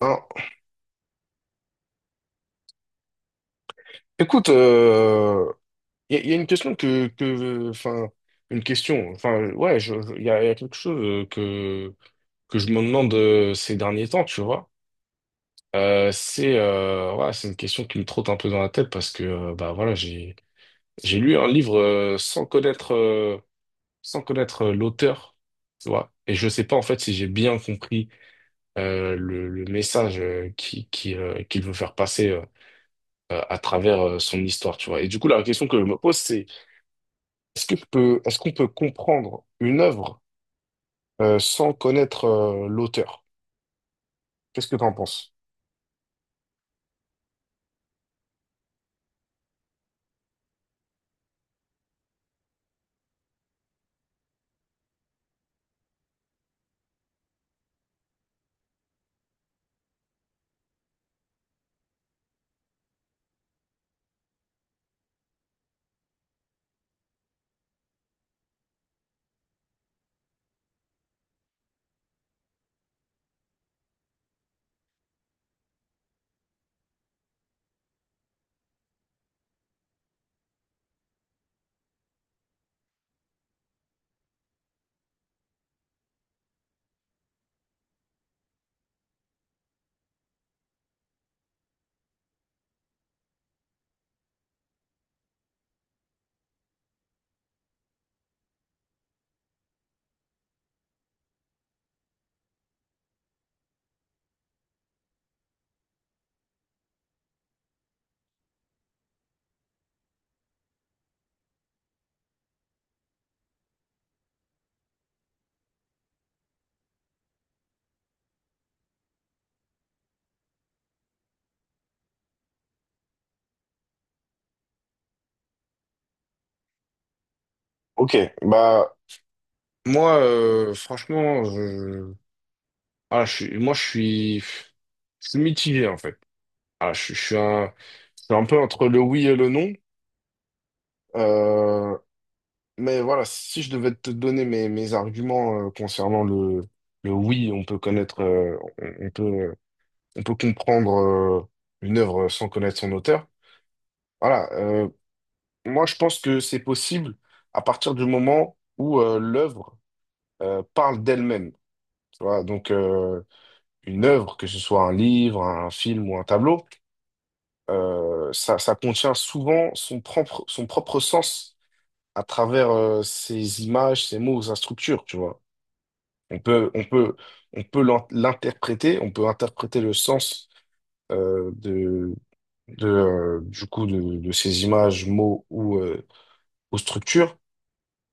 Alors, écoute, il y a une question une question, enfin, ouais, il y a quelque chose que je me demande ces derniers temps, tu vois. Ouais, c'est une question qui me trotte un peu dans la tête parce que, bah voilà, j'ai lu un livre sans connaître l'auteur, tu vois. Et je sais pas en fait si j'ai bien compris le message qui qu'il veut faire passer à travers son histoire, tu vois. Et du coup, la question que je me pose, c'est est-ce que est-ce qu'on peut comprendre une œuvre sans connaître l'auteur? Qu'est-ce que tu en penses? Ok, bah moi franchement, je... Ah, je suis mitigé en fait. Je suis je suis un peu entre le oui et le non. Euh, mais voilà, si je devais te donner mes arguments concernant le oui, on peut on peut comprendre euh, une œuvre sans connaître son auteur. Voilà, moi, je pense que c'est possible à partir du moment où l'œuvre parle d'elle-même. Tu vois, donc une œuvre, que ce soit un livre, un film ou un tableau, ça contient souvent son propre sens à travers ses images, ses mots, sa structure. Tu vois, on peut, on peut, on peut l'interpréter, on peut interpréter le sens euh, de, de, du coup de ces images, mots ou structures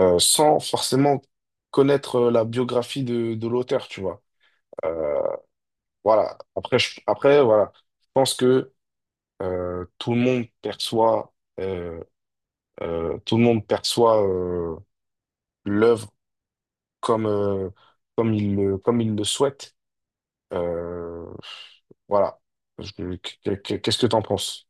sans forcément connaître la biographie de l'auteur, tu vois. Euh, voilà. Après, voilà. Je pense que euh, tout le monde perçoit, euh, tout le monde perçoit l'œuvre comme, comme il le souhaite. Euh, voilà. Je- Qu'est-ce que tu en penses?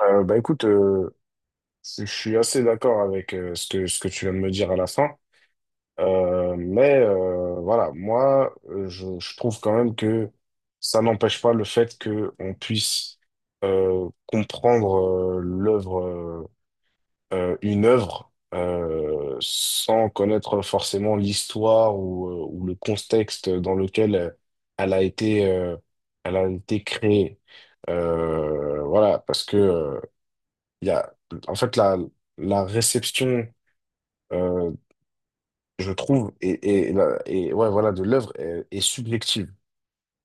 Bah écoute, je suis assez d'accord avec ce que tu viens de me dire à la fin. Voilà, je trouve quand même que ça n'empêche pas le fait qu'on puisse comprendre une œuvre, sans connaître forcément l'histoire ou le contexte dans lequel elle a été, euh, elle a été créée. Voilà, parce que il y a, en fait, la réception euh, je trouve, ouais, voilà, de est subjective.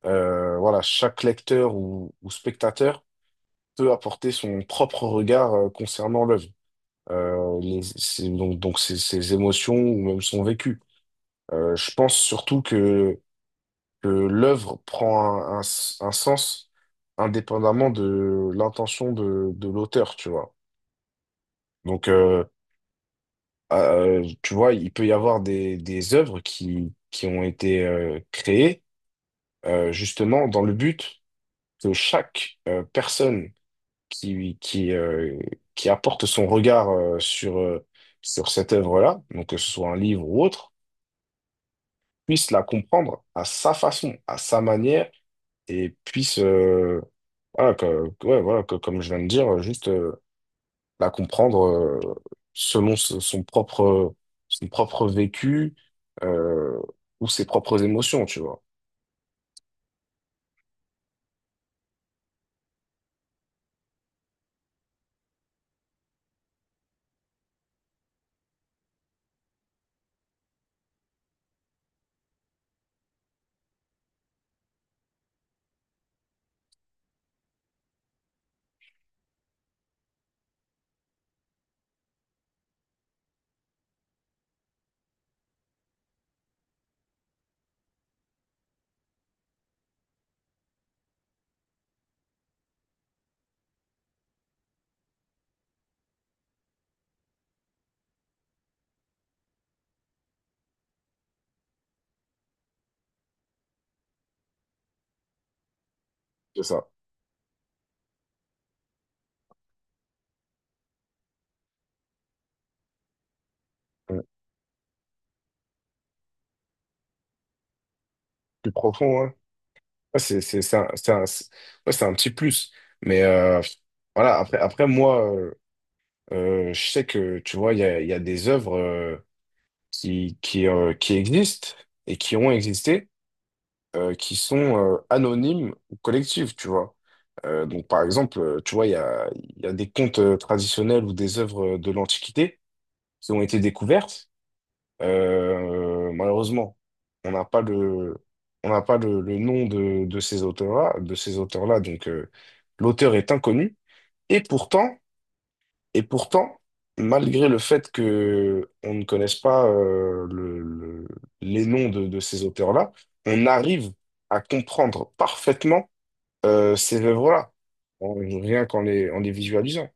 Voilà, chaque lecteur ou spectateur peut apporter son propre regard concernant l'œuvre, donc ses, ses émotions ou même son vécu. Je pense surtout que l'œuvre prend un sens indépendamment de l'intention de l'auteur, tu vois. Donc, euh, tu vois, il peut y avoir des œuvres qui ont été créées justement dans le but que chaque personne qui, qui, euh, qui apporte son regard sur cette œuvre-là, donc que ce soit un livre ou autre, puisse la comprendre à sa façon, à sa manière, et puisse, voilà, ouais, voilà, que, comme je viens de dire, juste la comprendre selon son propre vécu euh, ou ses propres émotions, tu vois. C'est ça. Ouais. Plus profond, ouais. Ouais, ouais, c'est un petit plus. Mais euh, voilà, je sais que, tu vois, il y a des œuvres qui existent et qui ont existé, qui sont anonymes ou collectives, tu vois. Donc, par exemple, il y a des contes traditionnels ou des œuvres de l'Antiquité qui ont été découvertes. Malheureusement, on n'a pas le, on n'a pas le nom de ces auteurs-là, donc l'auteur est inconnu. Et pourtant, et pourtant, malgré le fait que on ne connaisse pas les noms de ces auteurs-là, on arrive à comprendre parfaitement ces œuvres-là, rien qu'en les, en les visualisant.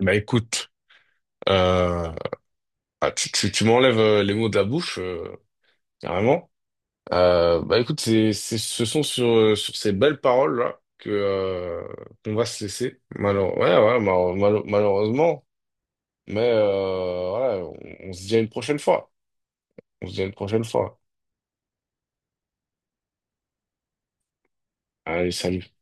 Bah écoute, euh, tu m'enlèves les mots de la bouche, carrément. Bah écoute, ce sont sur, sur ces belles paroles-là que, qu'on va se laisser. Ouais, ouais, malheureusement. On se dit à une prochaine fois. On se dit à une prochaine fois. Allez, salut.